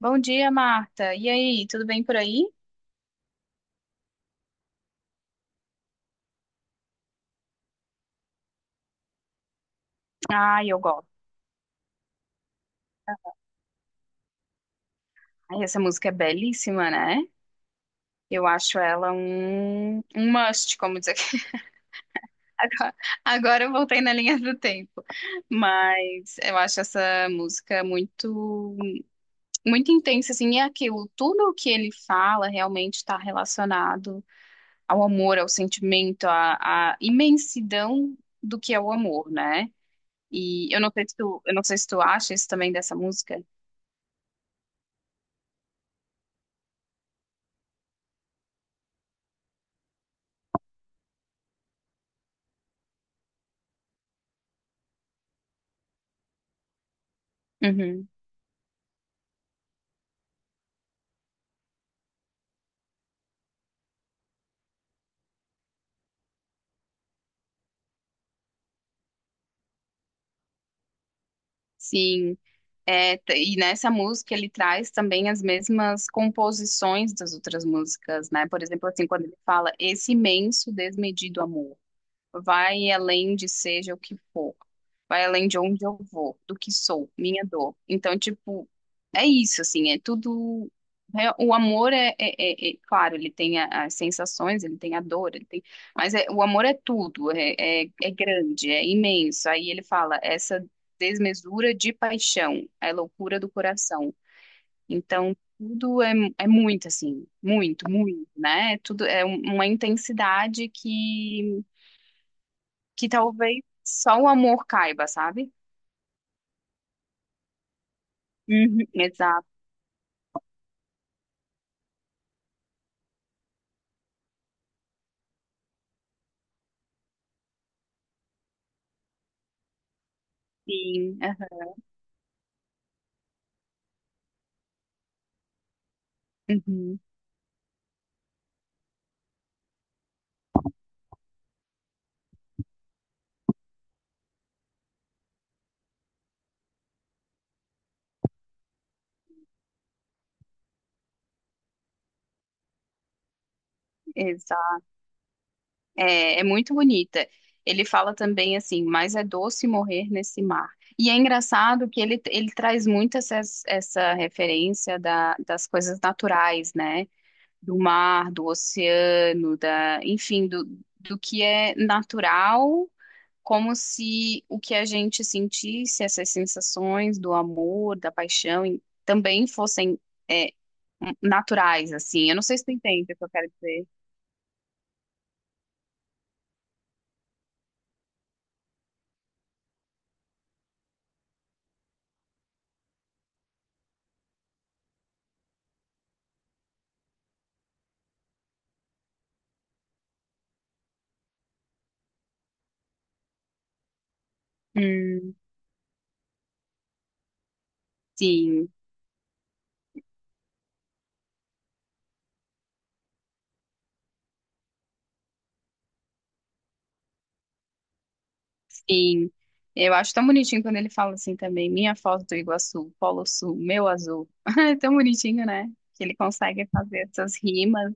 Bom dia, Marta. E aí, tudo bem por aí? Ai, eu gosto. Ai, essa música é belíssima, né? Eu acho ela um must, como diz aqui. Agora, agora eu voltei na linha do tempo. Mas eu acho essa música muito intensa, assim. E é aquilo, tudo o que ele fala realmente está relacionado ao amor, ao sentimento, à imensidão do que é o amor, né? E eu não sei se tu acha isso também dessa música. Uhum. Sim, é, e nessa música ele traz também as mesmas composições das outras músicas, né? Por exemplo, assim, quando ele fala esse imenso desmedido amor. Vai além de seja o que for. Vai além de onde eu vou, do que sou, minha dor. Então, tipo, é isso, assim, é tudo. O amor é, claro, ele tem as sensações, ele tem a dor, ele tem, mas o amor é tudo, é grande, é imenso. Aí ele fala, essa desmesura de paixão, é loucura do coração. Então, tudo é muito, assim, muito, né? Tudo é uma intensidade que talvez só o amor caiba, sabe? Uhum. Exato. Sim. Aham. Uhum. Exato. É, é muito bonita. Ele fala também assim, mas é doce morrer nesse mar. E é engraçado que ele traz muito essa, essa referência das coisas naturais, né? Do mar, do oceano, da, enfim, do, do que é natural, como se o que a gente sentisse, essas sensações do amor, da paixão, e também fossem é, naturais, assim. Eu não sei se tu entende o que eu quero dizer. Hum, sim, sim. Eu acho tão bonitinho quando ele fala assim também, minha foto do Iguaçu, Polo Sul, meu azul. É tão bonitinho, né? Que ele consegue fazer essas rimas,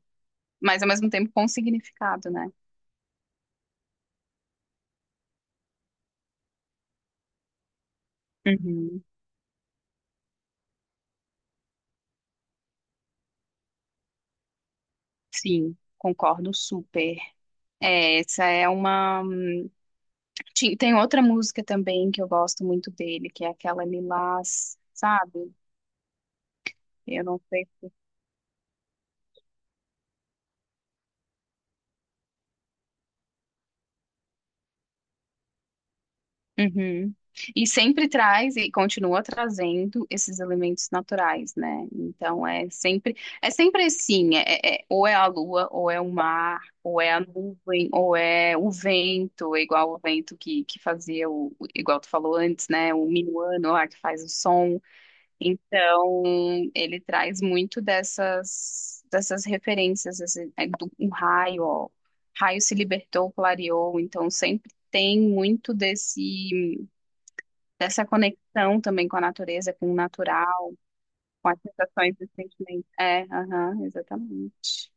mas ao mesmo tempo com significado, né? Uhum. Sim, concordo super. É, essa é uma tem outra música também que eu gosto muito dele, que é aquela Lilás, sabe? Eu não sei. Uhum. E sempre traz e continua trazendo esses elementos naturais, né? Então é sempre assim, é, ou é a lua, ou é o mar, ou é a nuvem, ou é o vento, igual o vento que fazia o, igual tu falou antes, né? O minuano lá que faz o som. Então, ele traz muito dessas, dessas referências, assim, do- um raio, ó. Raio se libertou, clareou, então sempre tem muito desse, dessa conexão também com a natureza, com o natural, com as sensações e sentimentos. É, aham, exatamente.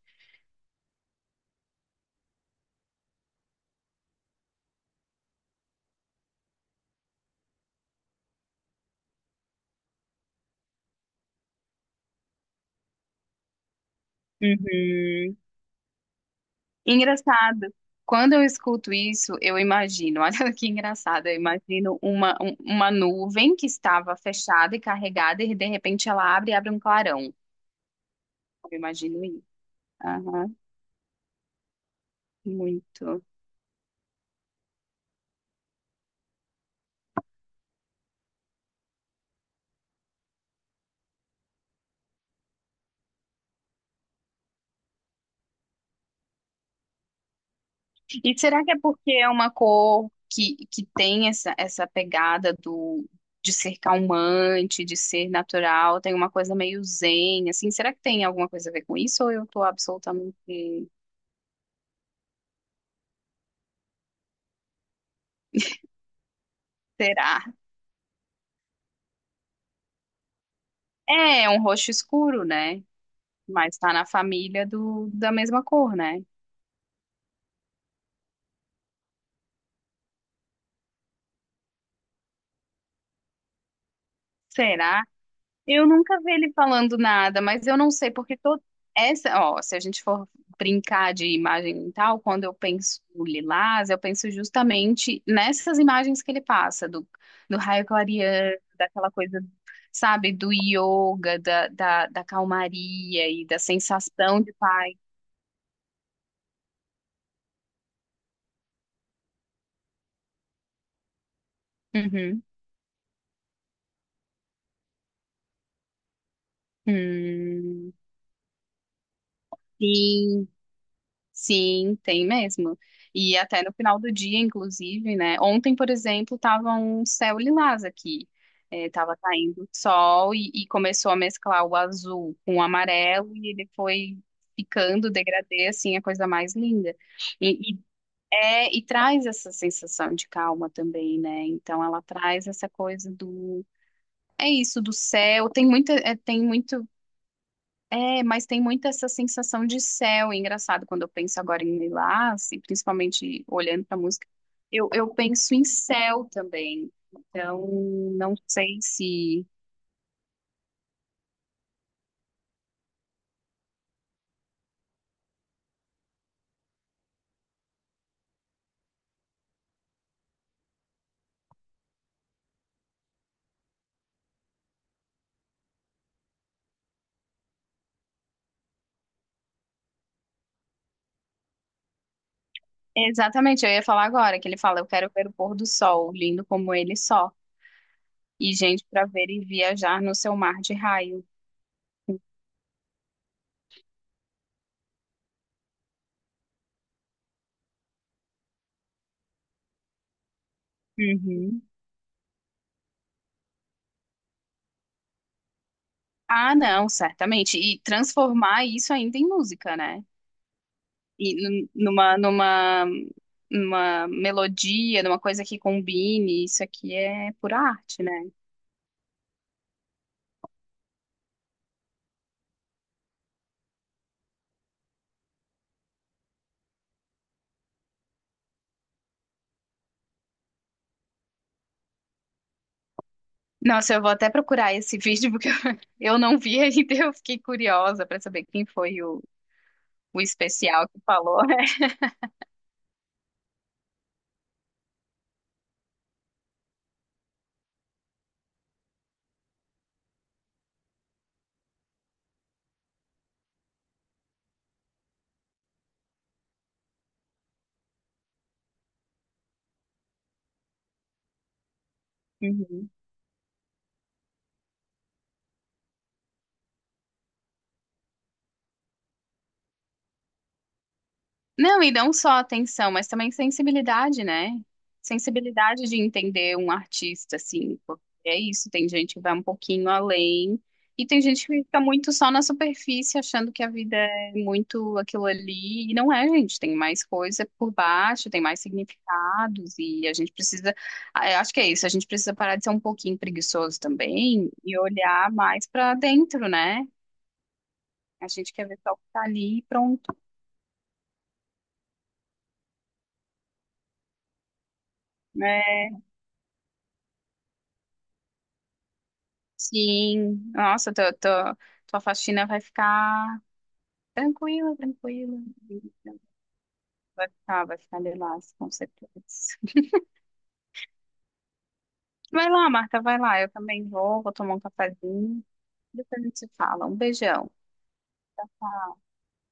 Uhum. Engraçado. Quando eu escuto isso, eu imagino, olha que engraçado, eu imagino uma nuvem que estava fechada e carregada e de repente ela abre e abre um clarão. Eu imagino isso. Aham, muito. E será que é porque é uma cor que tem essa, essa pegada do de ser calmante, de ser natural, tem uma coisa meio zen, assim? Será que tem alguma coisa a ver com isso ou eu tô absolutamente... Será? É, é um roxo escuro, né? Mas tá na família do, da mesma cor, né? Será? Eu nunca vi ele falando nada, mas eu não sei porque todo essa, ó, se a gente for brincar de imagem e tal, quando eu penso no Lilás, eu penso justamente nessas imagens que ele passa do, do raio clareando, daquela coisa, sabe, do yoga, da calmaria e da sensação de paz. Uhum. Hum, sim. Sim, tem mesmo. E até no final do dia, inclusive, né? Ontem, por exemplo, tava um céu lilás aqui. É, tava caindo sol e começou a mesclar o azul com o amarelo e ele foi ficando degradê, assim, a coisa mais linda. E, e, é, e traz essa sensação de calma também, né? Então ela traz essa coisa do... É isso, do céu. Tem muita, é, tem muito é, mas tem muito essa sensação de céu. E engraçado quando eu penso agora em Lilás, e principalmente olhando para a música, eu penso em céu também. Então, não sei se. Exatamente, eu ia falar agora, que ele fala: Eu quero ver o pôr do sol, lindo como ele só, e gente para ver e viajar no seu mar de raio. Uhum. Ah, não, certamente. E transformar isso ainda em música, né? E numa, numa, numa melodia, numa coisa que combine, isso aqui é pura arte, né? Nossa, eu vou até procurar esse vídeo porque eu não vi ainda, eu fiquei curiosa para saber quem foi o especial que falou. Uhum. Não, e não só atenção, mas também sensibilidade, né? Sensibilidade de entender um artista, assim, porque é isso, tem gente que vai um pouquinho além, e tem gente que fica muito só na superfície, achando que a vida é muito aquilo ali, e não é, gente, tem mais coisa por baixo, tem mais significados, e a gente precisa, ah, eu acho que é isso, a gente precisa parar de ser um pouquinho preguiçoso também, e olhar mais para dentro, né? A gente quer ver só o que tá ali e pronto, né? Sim, nossa, tua faxina vai ficar tranquila, tranquila. Vai ficar de lás, com certeza. Vai lá, Marta, vai lá. Eu também vou tomar um cafezinho. Depois a gente se fala. Um beijão. Tchau, tchau.